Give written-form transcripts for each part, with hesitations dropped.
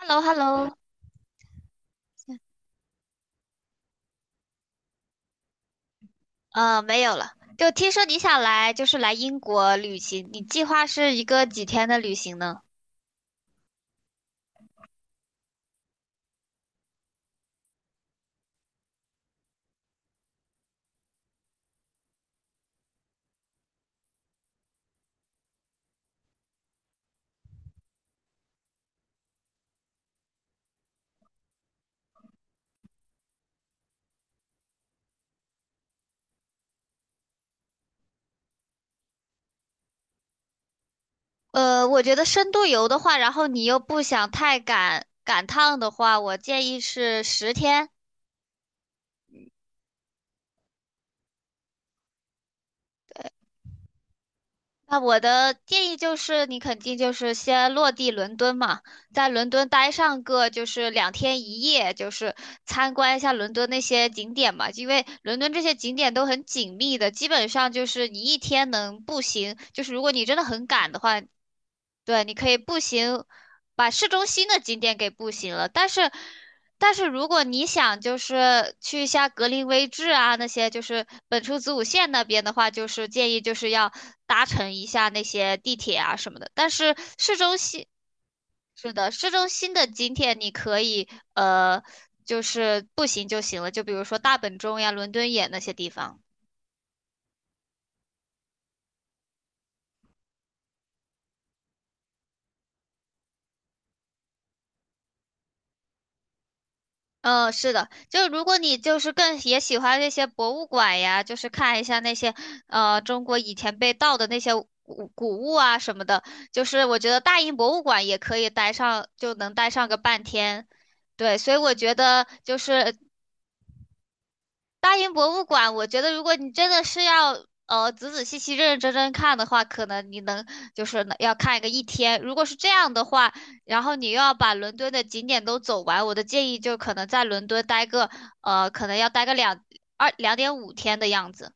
hello hello 没有了。就听说你想来，就是来英国旅行，你计划是一个几天的旅行呢？我觉得深度游的话，然后你又不想太赶赶趟的话，我建议是10天。那我的建议就是，你肯定就是先落地伦敦嘛，在伦敦待上个就是2天1夜，就是参观一下伦敦那些景点嘛，因为伦敦这些景点都很紧密的，基本上就是你一天能步行，就是如果你真的很赶的话，对，你可以步行把市中心的景点给步行了，但是如果你想就是去一下格林威治啊那些就是本初子午线那边的话，就是建议就是要搭乘一下那些地铁啊什么的。但是市中心是的，市中心的景点你可以就是步行就行了，就比如说大本钟呀、伦敦眼那些地方。嗯，是的，就如果你就是更也喜欢那些博物馆呀，就是看一下那些中国以前被盗的那些古物啊什么的，就是我觉得大英博物馆也可以待上，就能待上个半天。对，所以我觉得就是大英博物馆，我觉得如果你真的是要仔仔细细、认认真真看的话，可能你能就是能要看一天。如果是这样的话，然后你又要把伦敦的景点都走完，我的建议就可能在伦敦待个可能要待个2.5天的样子。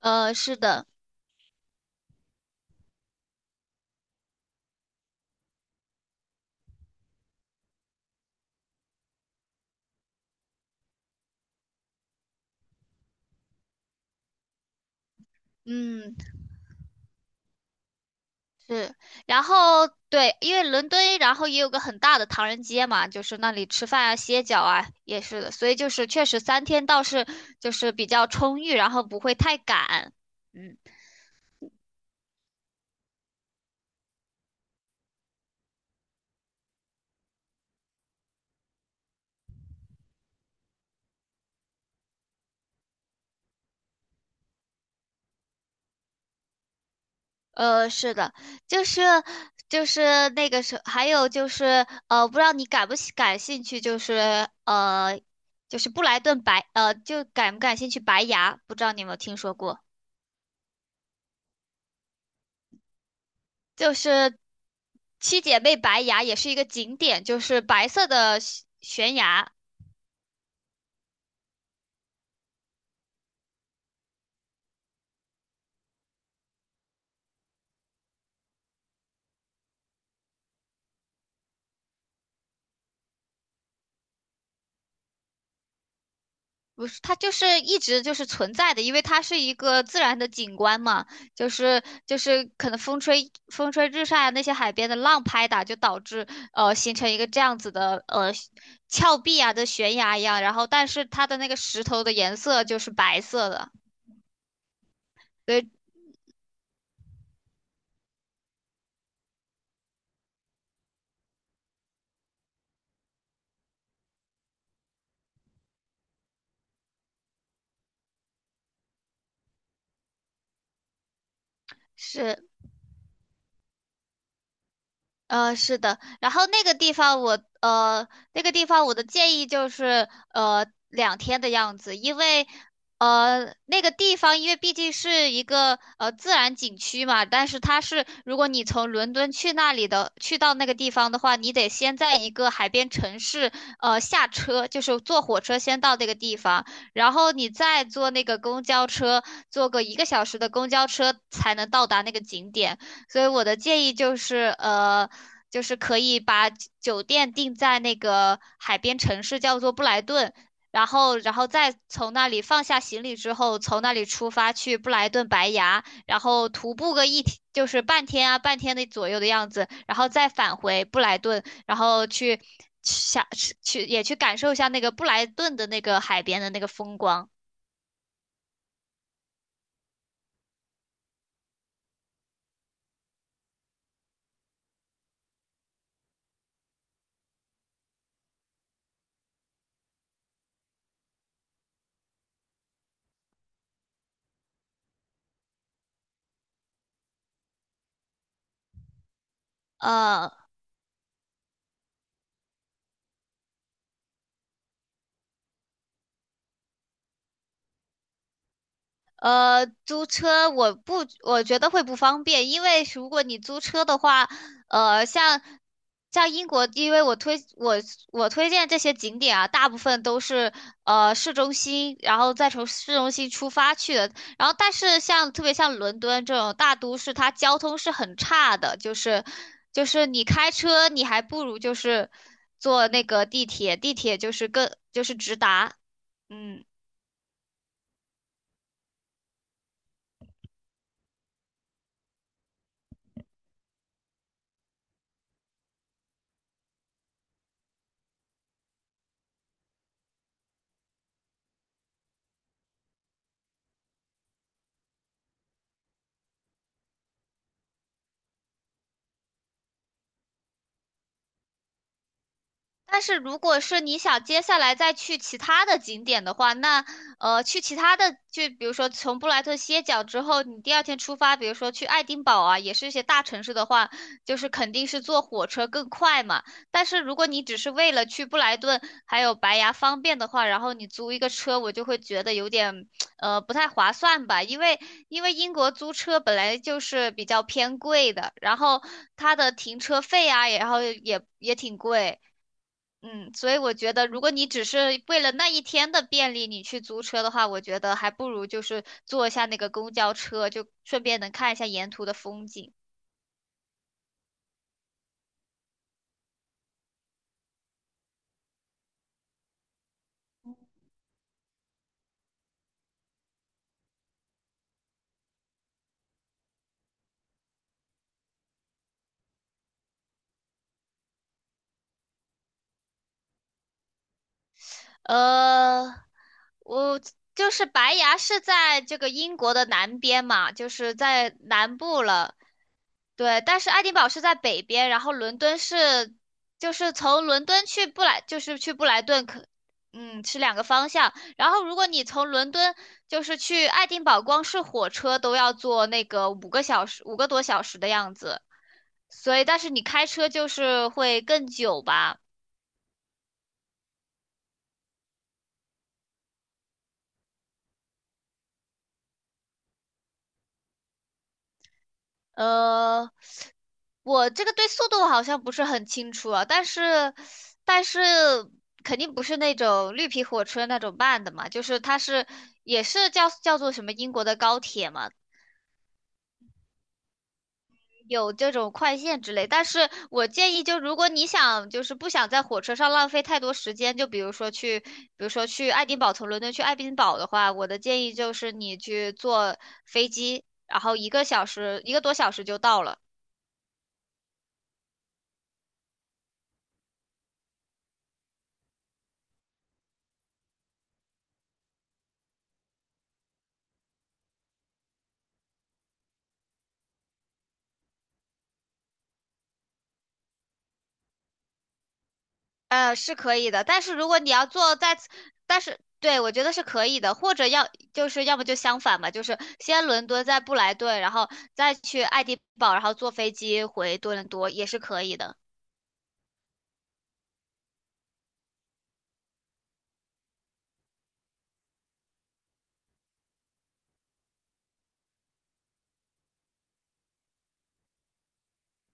是的，嗯。是，然后对，因为伦敦，然后也有个很大的唐人街嘛，就是那里吃饭啊、歇脚啊，也是的，所以就是确实3天倒是就是比较充裕，然后不会太赶。嗯，是的，就是就是那个是，还有就是不知道你感不喜感兴趣，就是就是布莱顿就感不感兴趣白牙，不知道你有没有听说过。就是七姐妹白崖也是一个景点，就是白色的悬崖，不是它就是一直就是存在的，因为它是一个自然的景观嘛，就是可能风吹日晒啊，那些海边的浪拍打，就导致形成一个这样子的峭壁啊的悬崖一样，然后但是它的那个石头的颜色就是白色的，所以是。是的，然后那个地方我呃，那个地方我的建议就是两天的样子，因为那个地方因为毕竟是一个自然景区嘛，但是它是如果你从伦敦去那里的去到那个地方的话，你得先在一个海边城市下车，就是坐火车先到那个地方，然后你再坐那个公交车，坐个一个小时的公交车才能到达那个景点。所以我的建议就是，就是可以把酒店定在那个海边城市，叫做布莱顿，然后再从那里放下行李之后，从那里出发去布莱顿白崖，然后徒步个一天，就是半天啊，半天的左右的样子，然后再返回布莱顿，然后去下去也去感受一下那个布莱顿的那个海边的那个风光。呃，租车我不，我觉得会不方便，因为如果你租车的话，呃，像像英国，因为我推荐这些景点啊，大部分都是市中心，然后再从市中心出发去的。然后，但是像特别像伦敦这种大都市，它交通是很差的，就是你开车，你还不如就是坐那个地铁，地铁就是更就是直达，嗯。但是如果是你想接下来再去其他的景点的话，那去其他的，就比如说从布莱顿歇脚之后，你第二天出发，比如说去爱丁堡啊，也是一些大城市的话，就是肯定是坐火车更快嘛。但是如果你只是为了去布莱顿还有白崖方便的话，然后你租一个车，我就会觉得有点不太划算吧，因为英国租车本来就是比较偏贵的，然后它的停车费啊，然后也挺贵。嗯，所以我觉得，如果你只是为了那一天的便利，你去租车的话，我觉得还不如就是坐一下那个公交车，就顺便能看一下沿途的风景。呃，我就是白崖是在这个英国的南边嘛，就是在南部了。对，但是爱丁堡是在北边，然后伦敦是就是从伦敦去布莱，就是去布莱顿可，嗯，是两个方向。然后如果你从伦敦就是去爱丁堡，光是火车都要坐那个5个小时，5个多小时的样子。所以，但是你开车就是会更久吧。呃，我这个对速度好像不是很清楚啊，但是肯定不是那种绿皮火车那种慢的嘛，就是它是也是叫做什么英国的高铁嘛，有这种快线之类。但是我建议，就如果你想就是不想在火车上浪费太多时间，就比如说去爱丁堡，从伦敦去爱丁堡的话，我的建议就是你去坐飞机，然后一个小时一个多小时就到了。是可以的，但是如果你要做在此，但是对我觉得是可以的，或者要就是要么就相反吧，就是先伦敦，再布莱顿，然后再去爱丁堡，然后坐飞机回多伦多也是可以的。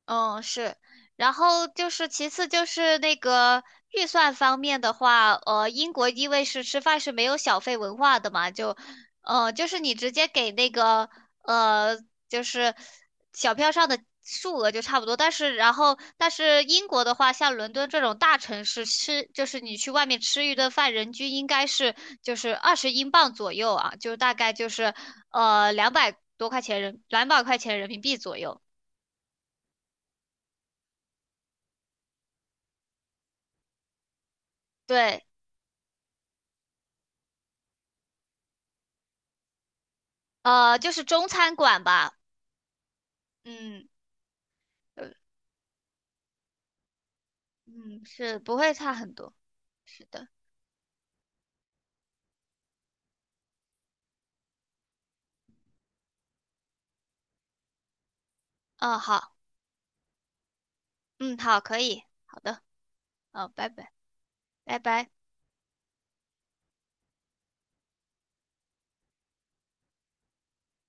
嗯，是，然后就是其次就是那个预算方面的话，英国因为是吃饭是没有小费文化的嘛，就，就是你直接给那个呃，就是小票上的数额就差不多，但是然后但是英国的话，像伦敦这种大城市吃，就是你去外面吃一顿饭，人均应该是就是20英镑左右啊，就大概就是200多块钱人，200块钱人民币左右，对。就是中餐馆吧，嗯，呃，嗯，是不会差很多，是的，嗯，好，嗯，好，可以，好的，嗯，拜拜，拜拜。